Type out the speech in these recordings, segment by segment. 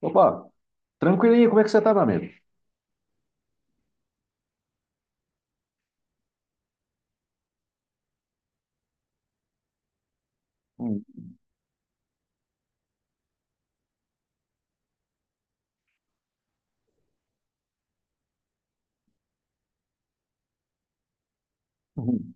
Opa, tranquilinho, como é que você tá, meu amigo? Hum, uhum.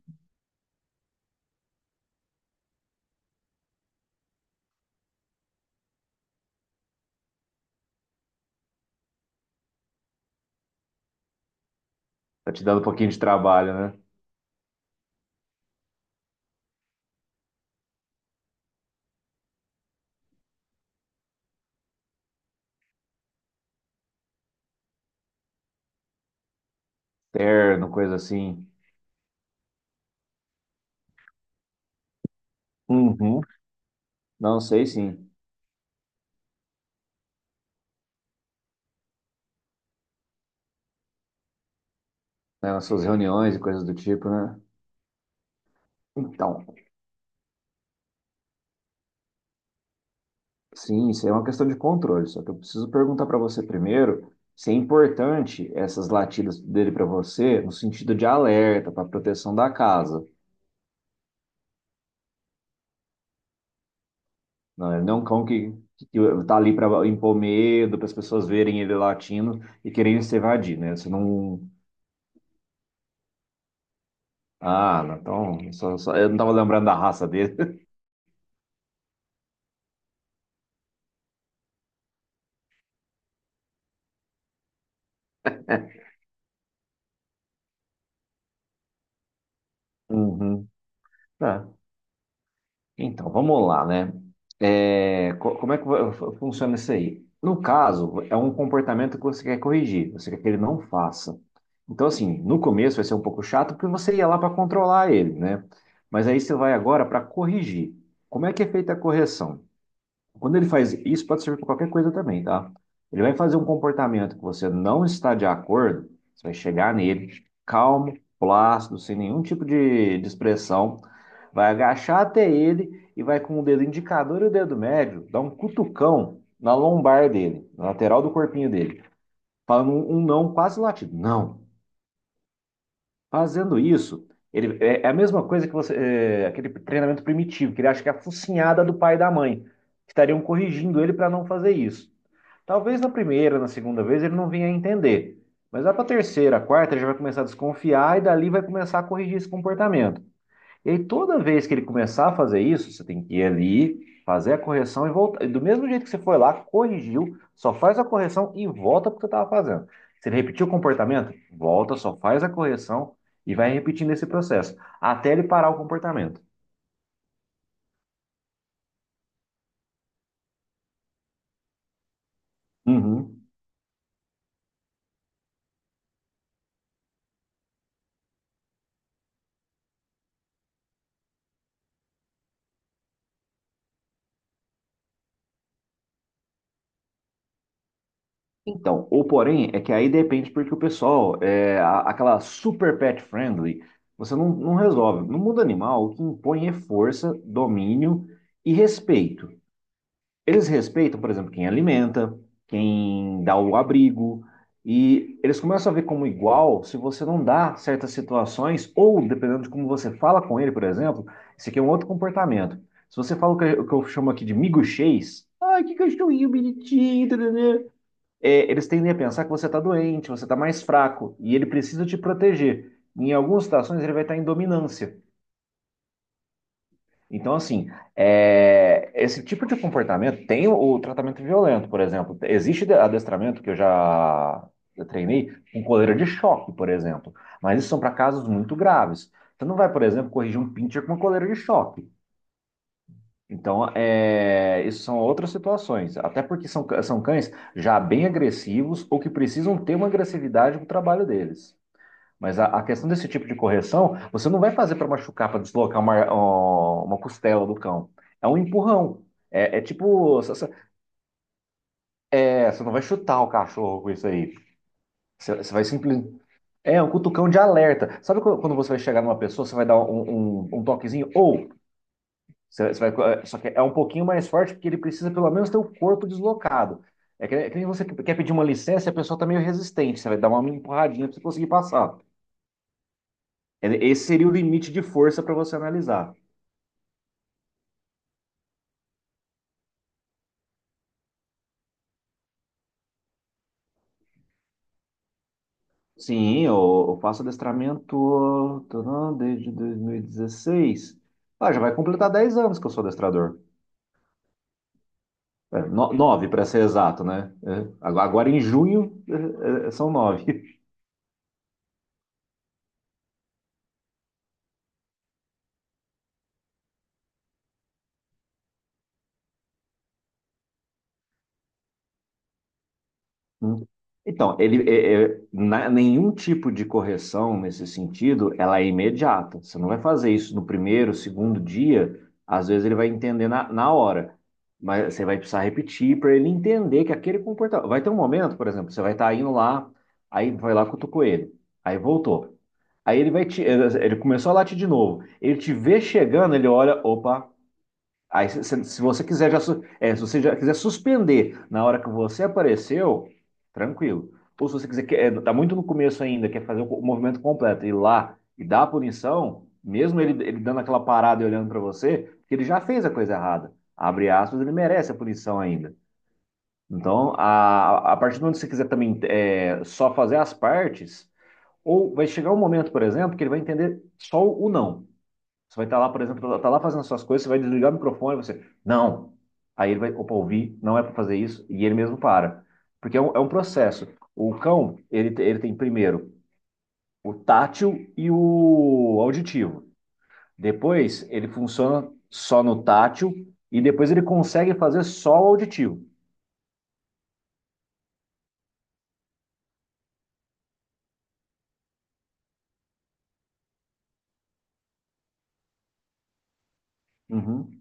Tá te dando um pouquinho de trabalho, né? Terno, coisa assim. Uhum. Não sei, sim. Né, nas suas reuniões e coisas do tipo, né? Então, sim, isso aí é uma questão de controle. Só que eu preciso perguntar para você primeiro se é importante essas latidas dele para você no sentido de alerta, pra proteção da casa. Não, ele não é um cão que tá ali para impor medo, para as pessoas verem ele latindo e quererem se evadir, né? Você não. Ah, não, então, eu não estava lembrando da raça dele. Uhum. Tá. Então, vamos lá, né? É, como é que funciona isso aí? No caso, é um comportamento que você quer corrigir, você quer que ele não faça. Então, assim, no começo vai ser um pouco chato porque você ia lá para controlar ele, né? Mas aí você vai agora para corrigir. Como é que é feita a correção? Quando ele faz isso, pode servir para qualquer coisa também, tá? Ele vai fazer um comportamento que você não está de acordo, você vai chegar nele, calmo, plácido, sem nenhum tipo de expressão, vai agachar até ele e vai com o dedo indicador e o dedo médio dar um cutucão na lombar dele, na lateral do corpinho dele, falando um não quase latido. Não. Fazendo isso, ele é a mesma coisa que você, é, aquele treinamento primitivo, que ele acha que é a focinhada do pai e da mãe, que estariam corrigindo ele para não fazer isso. Talvez na primeira, na segunda vez ele não vinha a entender. Mas lá para a terceira, a quarta, ele já vai começar a desconfiar e dali vai começar a corrigir esse comportamento. E aí, toda vez que ele começar a fazer isso, você tem que ir ali, fazer a correção e voltar. E do mesmo jeito que você foi lá, corrigiu, só faz a correção e volta para o que você estava fazendo. Se ele repetiu o comportamento, volta, só faz a correção e vai repetindo esse processo, até ele parar o comportamento. Uhum. Então, o porém é que aí depende porque o pessoal, é, aquela super pet friendly, você não resolve. No mundo animal, o que impõe é força, domínio e respeito. Eles respeitam, por exemplo, quem alimenta, quem dá o abrigo, e eles começam a ver como igual se você não dá certas situações, ou dependendo de como você fala com ele, por exemplo, esse aqui é um outro comportamento. Se você fala o que eu chamo aqui de miguxês, ai, que cachorrinho bonitinho, né? É, eles tendem a pensar que você está doente, você está mais fraco, e ele precisa te proteger. Em algumas situações, ele vai estar em dominância. Então, assim, é, esse tipo de comportamento tem o tratamento violento, por exemplo. Existe adestramento que eu treinei com coleira de choque, por exemplo, mas isso são para casos muito graves. Você não vai, por exemplo, corrigir um pincher com uma coleira de choque. Então, é, isso são outras situações, até porque são, são cães já bem agressivos ou que precisam ter uma agressividade no trabalho deles. Mas a questão desse tipo de correção, você não vai fazer para machucar, para deslocar uma, ó, uma costela do cão. É um empurrão. É tipo, você é, você não vai chutar o cachorro com isso aí. Você vai simplesmente. É um cutucão de alerta. Sabe quando você vai chegar numa pessoa, você vai dar um toquezinho? Ou você vai, é, só que é um pouquinho mais forte porque ele precisa pelo menos ter o corpo deslocado. É que nem você quer pedir uma licença e a pessoa está meio resistente. Você vai dar uma empurradinha para você conseguir passar. Esse seria o limite de força para você analisar. Sim, eu faço adestramento tô não, desde 2016. Ah, já vai completar 10 anos que eu sou adestrador. É, no, 9 para ser exato, né? É, agora em junho é, são nove. Hum. Então, ele, nenhum tipo de correção nesse sentido, ela é imediata. Você não vai fazer isso no primeiro, segundo dia. Às vezes ele vai entender na hora, mas você vai precisar repetir para ele entender que aquele comportamento. Vai ter um momento, por exemplo, você vai estar indo lá, aí vai lá cutucou ele, aí voltou. Aí ele começou a latir de novo. Ele te vê chegando, ele olha, opa. Aí, se você quiser já, se você já quiser suspender na hora que você apareceu, tranquilo. Ou se você quiser, tá muito no começo ainda, quer fazer o movimento completo, ir lá e dar a punição, mesmo ele dando aquela parada e olhando para você, porque ele já fez a coisa errada. Abre aspas, ele merece a punição ainda. Então, a partir do momento que você quiser também é, só fazer as partes, ou vai chegar um momento, por exemplo, que ele vai entender só o não. Você vai estar lá, por exemplo, tá lá fazendo suas coisas, você vai desligar o microfone, você, não. Aí ele vai, opa, ouvi, não é para fazer isso, e ele mesmo para. Porque é um processo. O cão, ele, ele tem primeiro o tátil e o auditivo. Depois, ele funciona só no tátil, e depois ele consegue fazer só o auditivo. Uhum.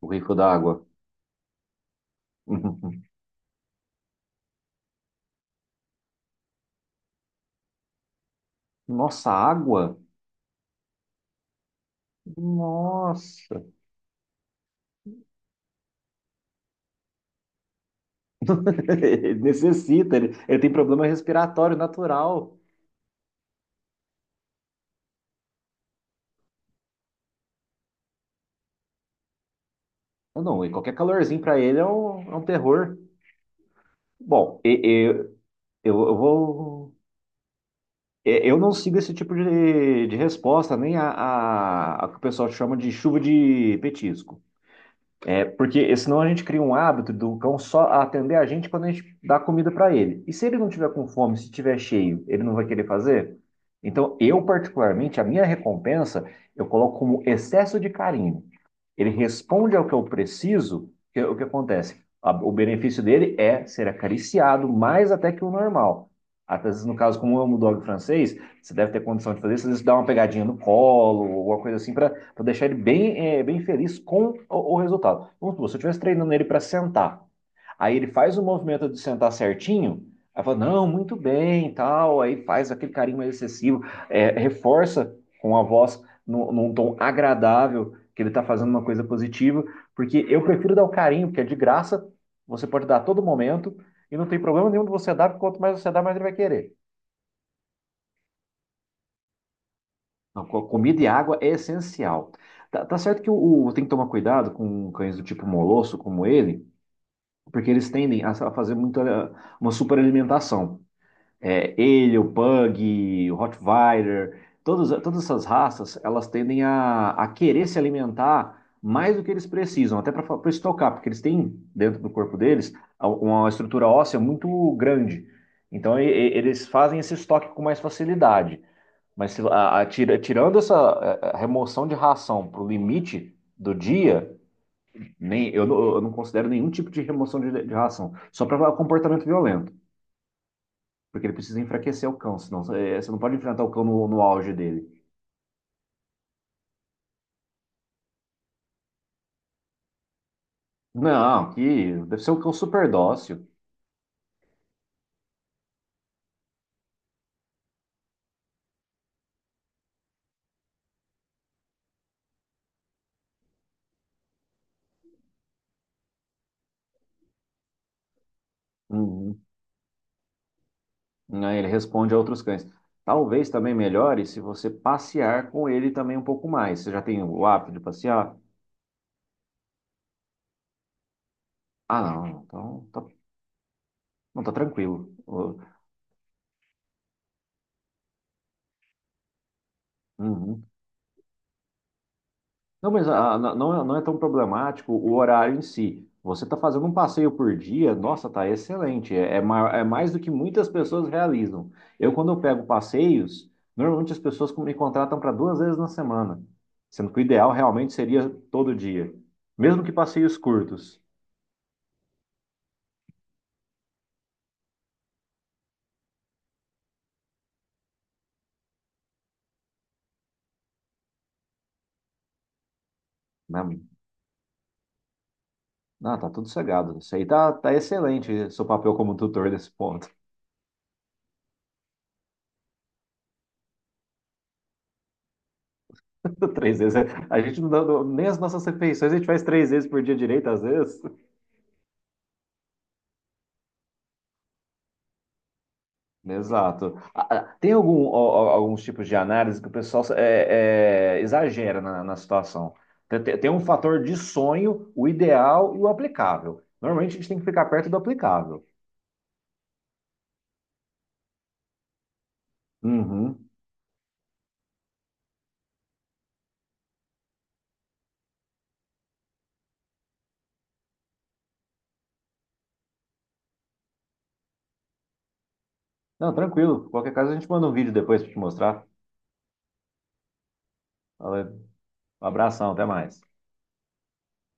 O rifle da água. Uhum. Nossa, água? Nossa! Ele necessita, ele tem problema respiratório natural. Não, e qualquer calorzinho pra ele é um terror. Bom, e- eu vou. Eu não sigo esse tipo de resposta, nem a que o pessoal chama de chuva de petisco. É porque senão a gente cria um hábito do cão só atender a gente quando a gente dá comida pra ele. E se ele não tiver com fome, se tiver cheio, ele não vai querer fazer? Então, eu, particularmente, a minha recompensa, eu coloco como excesso de carinho. Ele responde ao que eu preciso, é o que acontece? O benefício dele é ser acariciado mais até que o normal. Às vezes, no caso, como eu amo o dog francês, você deve ter condição de fazer isso, às vezes dá uma pegadinha no colo, alguma coisa assim, para deixar ele bem, bem feliz com o resultado. Vamos supor, se eu estivesse treinando ele para sentar, aí ele faz o movimento de sentar certinho, aí fala, não, muito bem, tal, aí faz aquele carinho mais excessivo, reforça com a voz num tom agradável que ele está fazendo uma coisa positiva, porque eu prefiro dar o carinho, porque é de graça, você pode dar a todo momento, e não tem problema nenhum de você dar, porque quanto mais você dá, mais ele vai querer. Então, comida e água é essencial. Tá, tá certo que tem que tomar cuidado com cães do tipo molosso, como ele, porque eles tendem a, fazer uma superalimentação. É, ele, o Pug, o Rottweiler, todas essas raças, elas tendem a querer se alimentar mais do que eles precisam, até para estocar, porque eles têm dentro do corpo deles uma estrutura óssea muito grande. Então, eles fazem esse estoque com mais facilidade. Mas tirando essa a remoção de ração para o limite do dia, nem, eu não considero nenhum tipo de remoção de ração, só para comportamento violento. Porque ele precisa enfraquecer o cão, senão você não pode enfrentar o cão no auge dele. Não, que deve ser um cão super dócil. Uhum. Né? Ele responde a outros cães. Talvez também melhore se você passear com ele também um pouco mais. Você já tem o hábito de passear? Ah, não, então tá, não tá tranquilo. Uhum. Não, mas ah, não, não é tão problemático o horário em si. Você está fazendo um passeio por dia, nossa, tá excelente. É mais do que muitas pessoas realizam. Eu, quando eu pego passeios, normalmente as pessoas me contratam para duas vezes na semana, sendo que o ideal realmente seria todo dia, mesmo que passeios curtos. Né? Ah, tá tudo cegado. Isso aí tá, tá excelente, seu papel como tutor nesse ponto. Três vezes. A gente não dá, nem as nossas refeições a gente faz três vezes por dia direito, às vezes. Exato. Ah, ah, tem alguns tipos de análise que o pessoal é, exagera na situação. Tem um fator de sonho, o ideal e o aplicável. Normalmente a gente tem que ficar perto do aplicável. Uhum. Não, tranquilo. Qualquer caso a gente manda um vídeo depois para te mostrar. Valeu. Um abração, até mais.